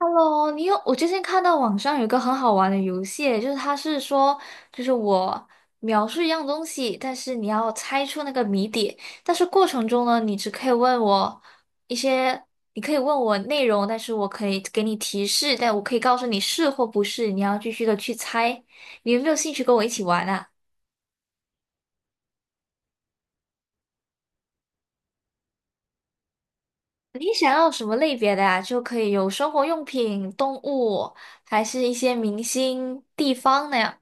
Hello，你有，我最近看到网上有一个很好玩的游戏，就是它是说，就是我描述一样东西，但是你要猜出那个谜底，但是过程中呢，你只可以问我一些，你可以问我内容，但是我可以给你提示，但我可以告诉你是或不是，你要继续的去猜。你有没有兴趣跟我一起玩啊？你想要什么类别的呀？就可以有生活用品、动物，还是一些明星、地方那样。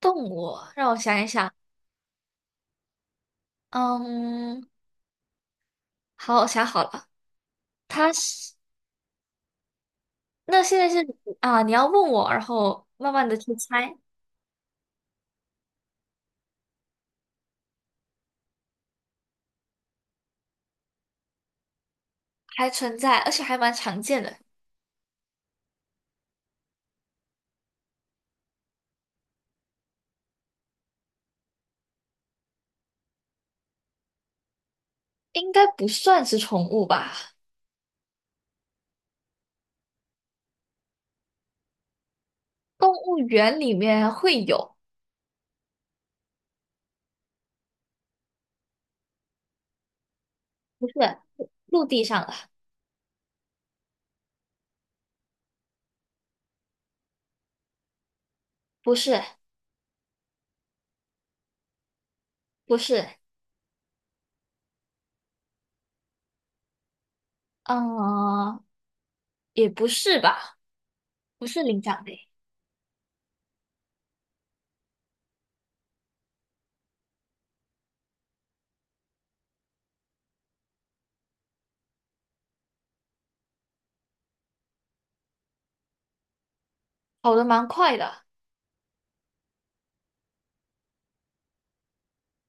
动物，让我想一想。嗯，好，我想好了，它是那现在是啊，你要问我，然后慢慢的去猜，还存在，而且还蛮常见的，应该不算是宠物吧？动物园里面会有，不是陆地上的，不是，不是，嗯，也不是吧？不是灵长类，跑得蛮快的，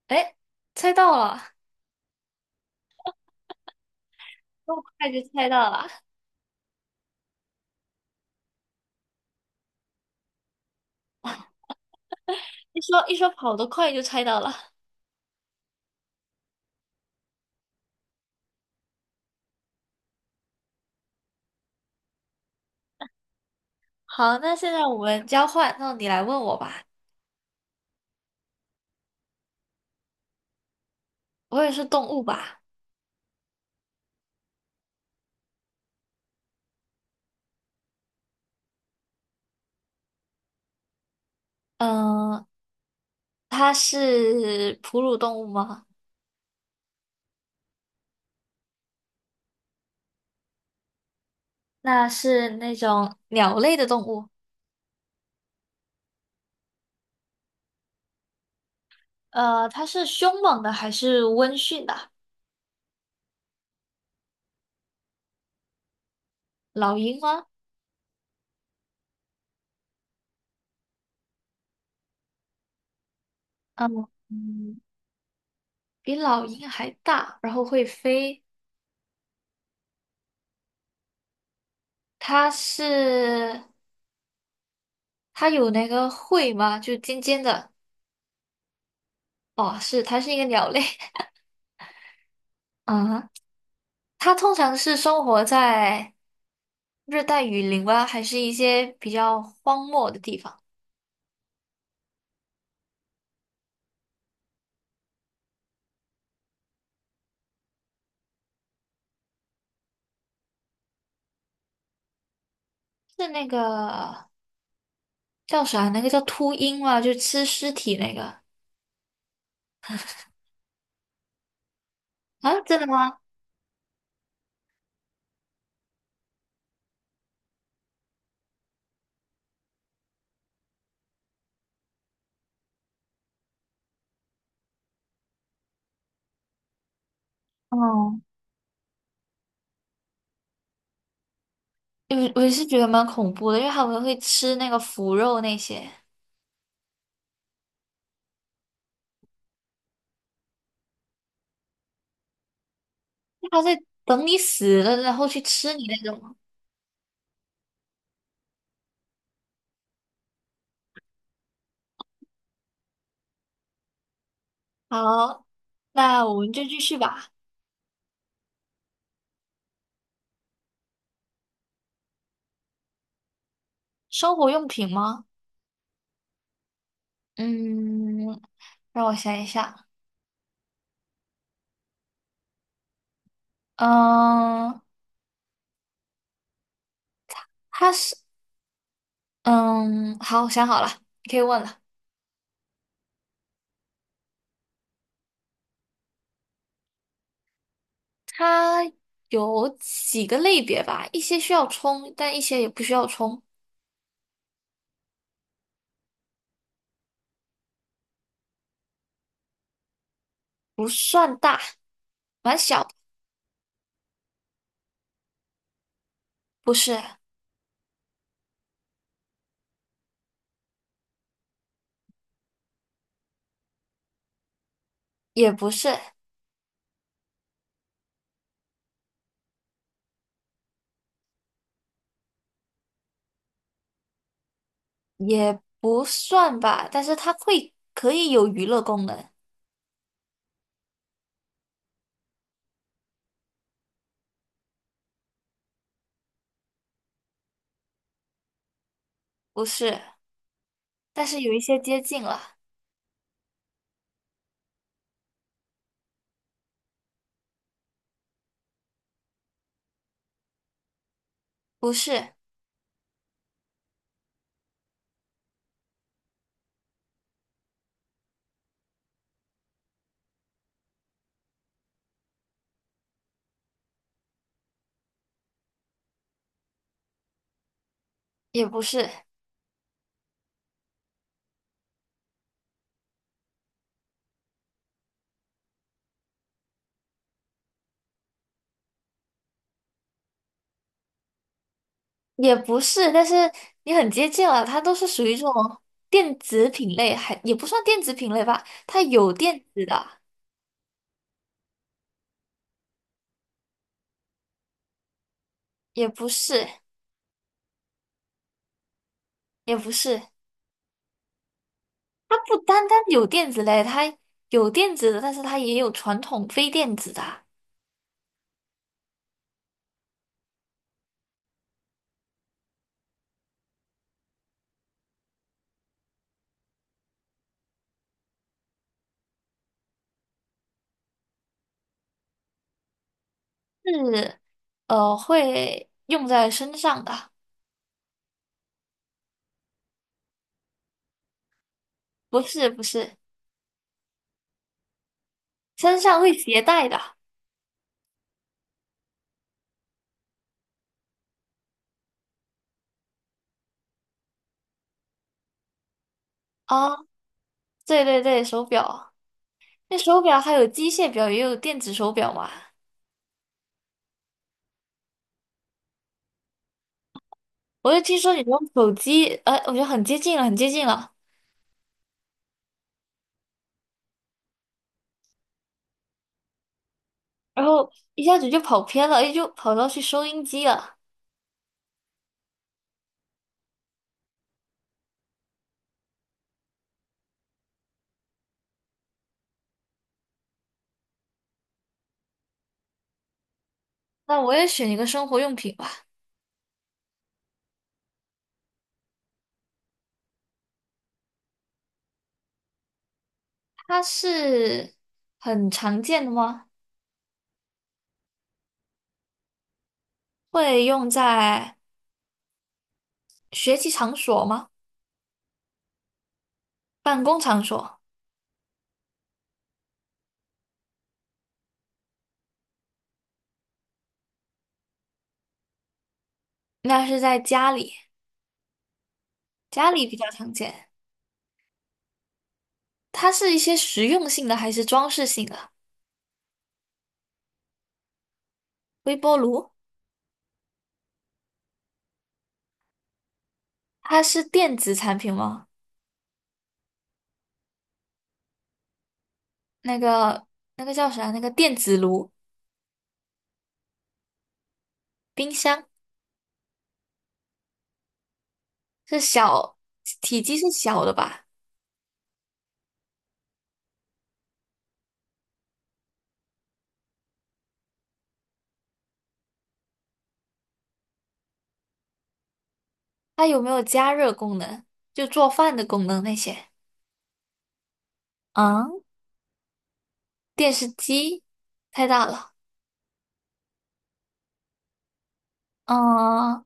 哎，猜到了，这么快就猜到了，一说跑得快就猜到了。好，那现在我们交换，那你来问我吧。我也是动物吧？嗯，它是哺乳动物吗？那是那种鸟类的动物。它是凶猛的还是温驯的？老鹰吗？嗯嗯，比老鹰还大，然后会飞。它是它有那个喙吗？就尖尖的。哦，是，它是一个鸟类 啊。它通常是生活在热带雨林吗？还是一些比较荒漠的地方？是那个。叫啥？那个叫秃鹰嘛，就吃尸体那个啊？真的吗？哦，我是觉得蛮恐怖的，因为他们会吃那个腐肉那些，他在等你死了，然后去吃你那种。好，那我们就继续吧。生活用品吗？嗯，让我想一下。嗯，它是嗯，好，想好了，你可以问了。它有几个类别吧？一些需要充，但一些也不需要充，不算大。蛮小的，不是，也不是，也不算吧，但是它会可以有娱乐功能，不是，但是有一些接近了，不是，也不是，也不是，但是你很接近了，它都是属于这种电子品类，还也不算电子品类吧，它有电子的，也不是，也不是，它不单单有电子类，它有电子的，但是它也有传统非电子的，是会用在身上的。不是，身上会携带的啊，对对对，手表，那手表还有机械表，也有电子手表嘛。我就听说你用手机，我觉得很接近了，很接近了，然后一下子就跑偏了，哎，就跑到去收音机了。那我也选一个生活用品吧，它是很常见的吗？会用在学习场所吗？办公场所？那是在家里，家里比较常见。它是一些实用性的还是装饰性的？微波炉，它是电子产品吗？那个那个叫啥？那个电子炉、冰箱是小，体积是小的吧？它有没有加热功能？就做饭的功能那些？嗯，电视机太大了。嗯，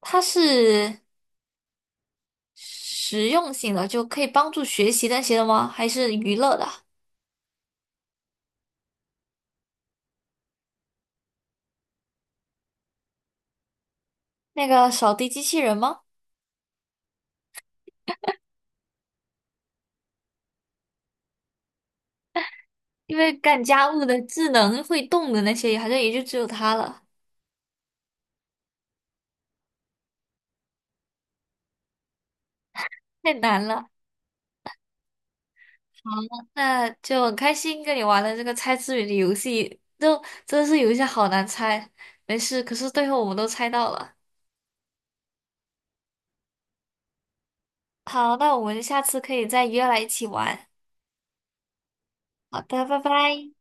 它是实用性的，就可以帮助学习那些的吗？还是娱乐的？那个扫地机器人吗？因为干家务的智能会动的那些，好像也就只有它了，太难了。好，那就很开心跟你玩了这个猜字谜的游戏，就真的是有一些好难猜。没事，可是最后我们都猜到了。好，那我们下次可以再约来一起玩。好的，拜拜。